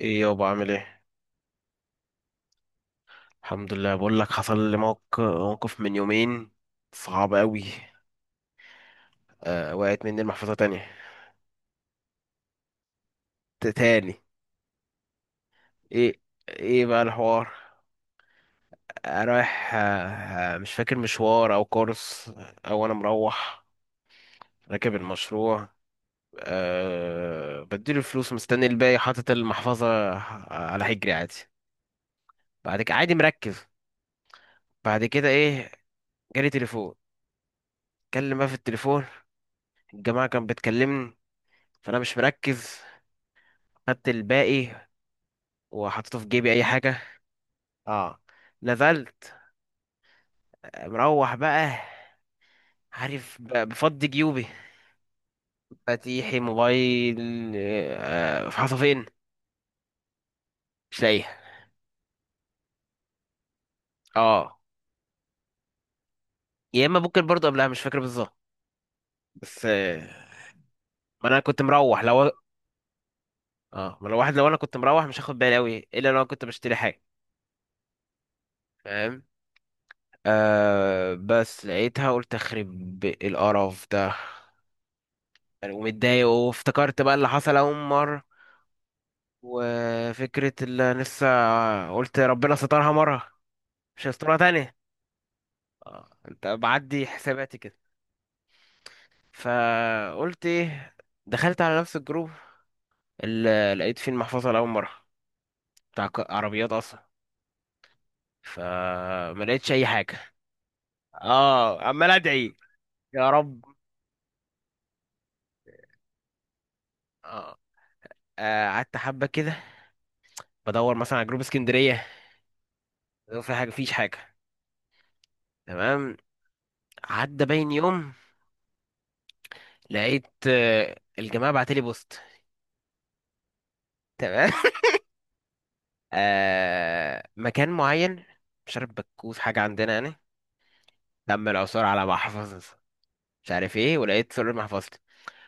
ايه يابا، عامل ايه؟ الحمد لله. بقول لك حصل لي موقف من يومين، صعب قوي. وقعت مني المحفظه تانية. تاني. ايه؟ ايه بقى الحوار؟ رايح، مش فاكر مشوار او كورس، او انا مروح، راكب المشروع. بديله الفلوس، مستني الباقي، حاطط المحفظه على حجري عادي. بعد كده عادي، مركز. بعد كده، ايه، جالي تليفون. اتكلم بقى في التليفون، الجماعه كانت بتكلمني، فانا مش مركز. خدت الباقي وحطيته في جيبي اي حاجه. اه. نزلت، مروح بقى. عارف، بفضي جيوبي، مفاتيحي، موبايل. في حصتين. مش لاقيها. اه. يا اما ممكن برضو قبلها، مش فاكر بالظبط، بس. ما انا كنت مروح. لو اه ما لو واحد، لو انا كنت مروح مش هاخد بالي قوي، الا لو أنا كنت بشتري حاجه. فاهم. بس لقيتها. قلت اخرب القرف ده، يعني، ومتضايق. وافتكرت بقى اللي حصل اول مره، وفكرة اللي أنا لسه. قلت ربنا سترها مرة، مش هيسترها تاني. اه. انت بعدي حساباتي كده. فقلت، ايه، دخلت على نفس الجروب اللي لقيت فيه المحفظة لأول مرة، بتاع عربيات أصلا. فما لقيتش أي حاجة. اه، عمال أدعي، يا رب. اه. قعدت حبة كده بدور مثلا على جروب اسكندرية، لو في حاجة. فيش حاجة. تمام. عدى باين يوم، لقيت الجماعة بعتلي بوست. تمام. مكان معين، مش عارف، بكوز حاجة عندنا يعني، دم العثور على محفظة، مش عارف ايه. ولقيت صورة محفظتي،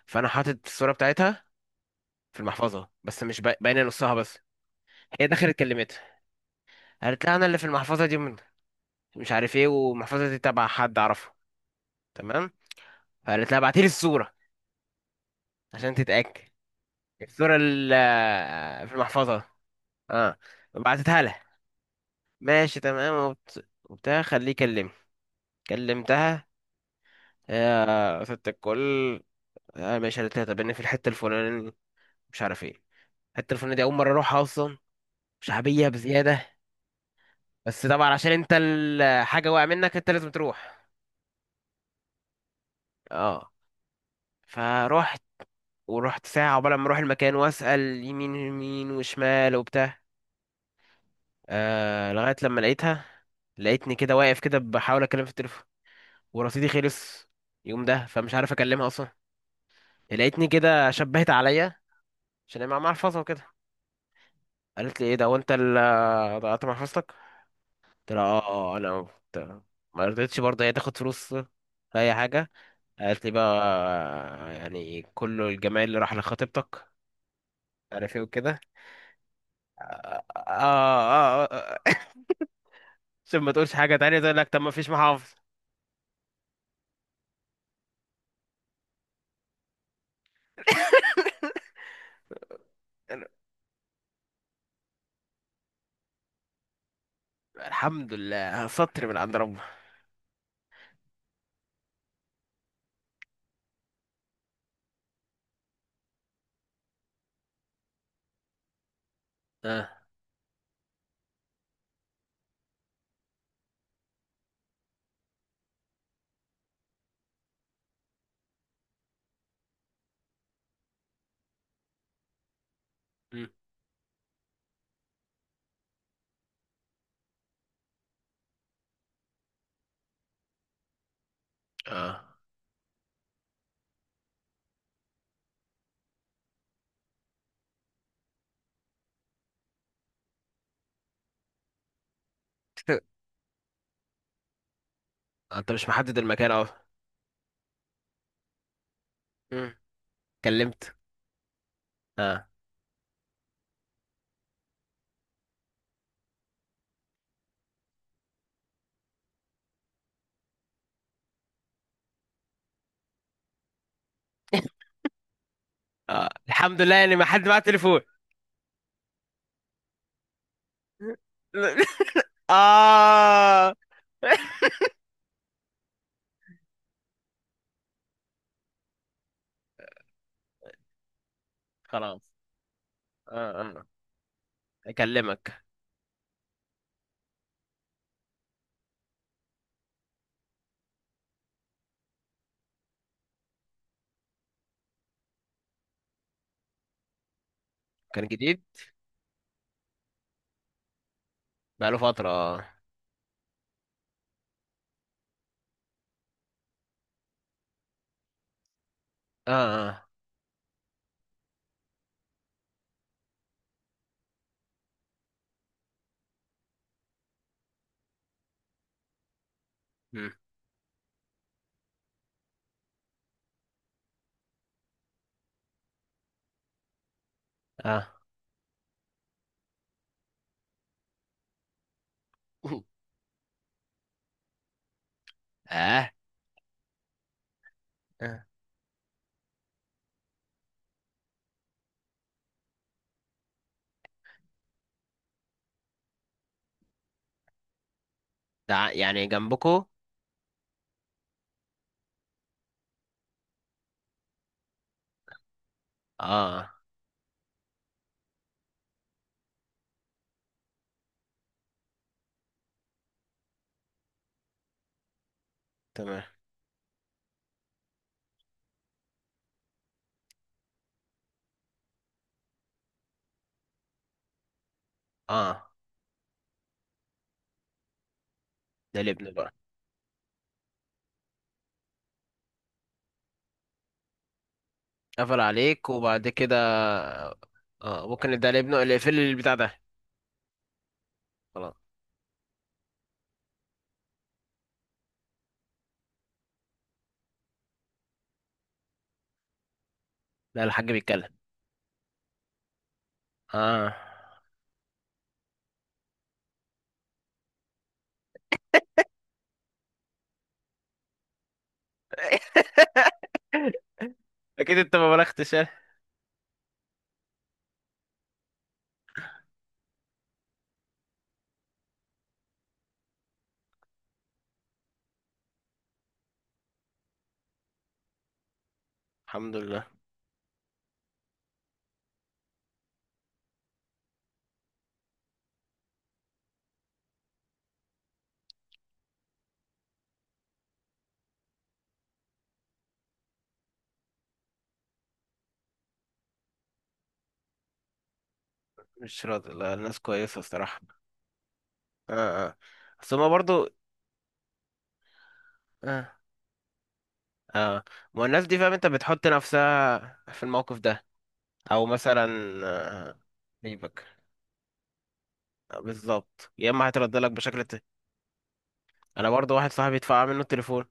فأنا حاطط الصورة بتاعتها في المحفظة، بس مش باينة نصها بس. هي دخلت كلمتها، قالت لها أنا اللي في المحفظة دي من، مش عارف ايه، والمحفظة دي تبع حد أعرفه. تمام. فقالت لها ابعتيلي الصورة عشان تتأكد، الصورة اللي في المحفظة. اه. بعتتها لها. ماشي، تمام، وبتاع خليه يكلمني. كلمتها، يا ست الكل، انا ماشي على تلاتة، بان في الحتة الفلانية، مش عارف ايه، الحتة الفلانية دي اول مرة اروحها اصلا، شعبية بزيادة. بس طبعا عشان انت الحاجة واقع منك، انت لازم تروح. اه. فروحت. ورحت ساعة عقبال ما اروح المكان، واسأل يمين يمين وشمال وبتاع. لغاية لما لقيتها. لقيتني كده واقف كده بحاول اتكلم في التليفون ورصيدي خلص يوم ده، فمش عارف اكلمها اصلا. لقيتني كده شبهت عليا، عشان هي مع محفظة وكده. قالت لي، ايه ده، هو انت اللي ضيعت محفظتك؟ قلت لها، اه، انا قلت- ما رضيتش برضه هي تاخد فلوس، لا، اي حاجه. قالت لي بقى، يعني كل الجمال اللي راح لخطيبتك، عارف ايه وكده. اه، اه، آه، آه. عشان ما تقولش حاجه تانية، تقول لك طب ما فيش محافظ. أنا- الحمد لله سطر من عند ربنا. اه. مم. اه. انت مش محدد المكان اهو. مم. كلمت. اه. اه. الحمد لله يعني، ما حد معاه تليفون. اه. خلاص. اه. اه. اكلمك. كان جديد؟ بقاله فترة اه. اه. اه. مم. اه. اه. آه. ده يعني جنبكو. اه. تمام. اه. ده لابنه بقى. قفل عليك وبعد كده. اه، ممكن، ده لابنه اللي يقفل لي البتاع ده. خلاص. لا، الحاج بيتكلم. اه، اكيد. انت ما بلغتش، اه. الحمد لله. مش راضي؟ لا، الناس كويسة الصراحة. اه. اه. بس هما برضو. اه. اه. ما هو الناس دي، فاهم انت، بتحط نفسها في الموقف ده. او مثلا آه، سيبك، بالظبط، يا اما هيترد لك بشكل ت... انا برضو، واحد صاحبي اتفقع منه التليفون.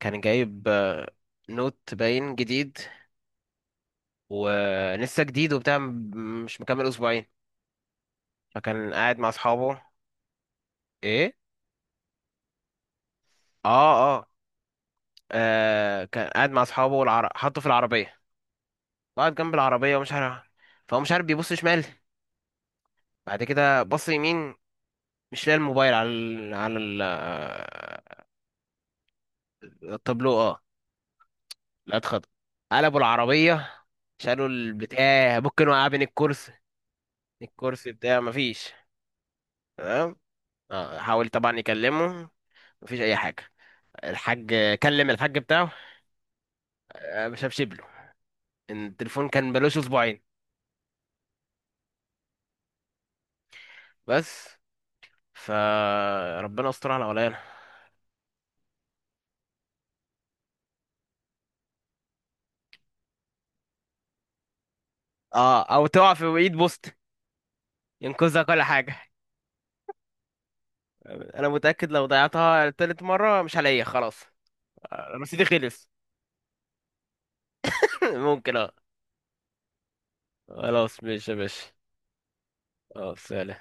كان جايب نوت باين جديد، ولسه جديد وبتاع، مش مكمل اسبوعين. فكان قاعد مع اصحابه. ايه؟ اه. اه. كان قاعد مع اصحابه، حطه في العربيه. قعد جنب العربيه ومش عارف، فهو مش عارف، بيبص شمال، بعد كده بص يمين، مش لاقي الموبايل على ال... على ال... آه، التابلو. اه. لا، اتخض. قلبوا العربيه، شالوا البتاع، ممكن وقع بين الكرسي. الكرسي بتاعه مفيش. تمام. اه. حاول طبعا يكلمه، مفيش اي حاجه. الحاج، كلم الحاج بتاعه، ما شافش له، إن التليفون كان بلوش اسبوعين. بس فربنا استر على ولايانا. اه. او تقع في ايد بوست ينقذها كل حاجه. انا متاكد لو ضيعتها تالت مره مش هلاقيها خلاص. رصيدي خلص. ممكن، اه. خلاص ماشي يا باشا. اه، سلام.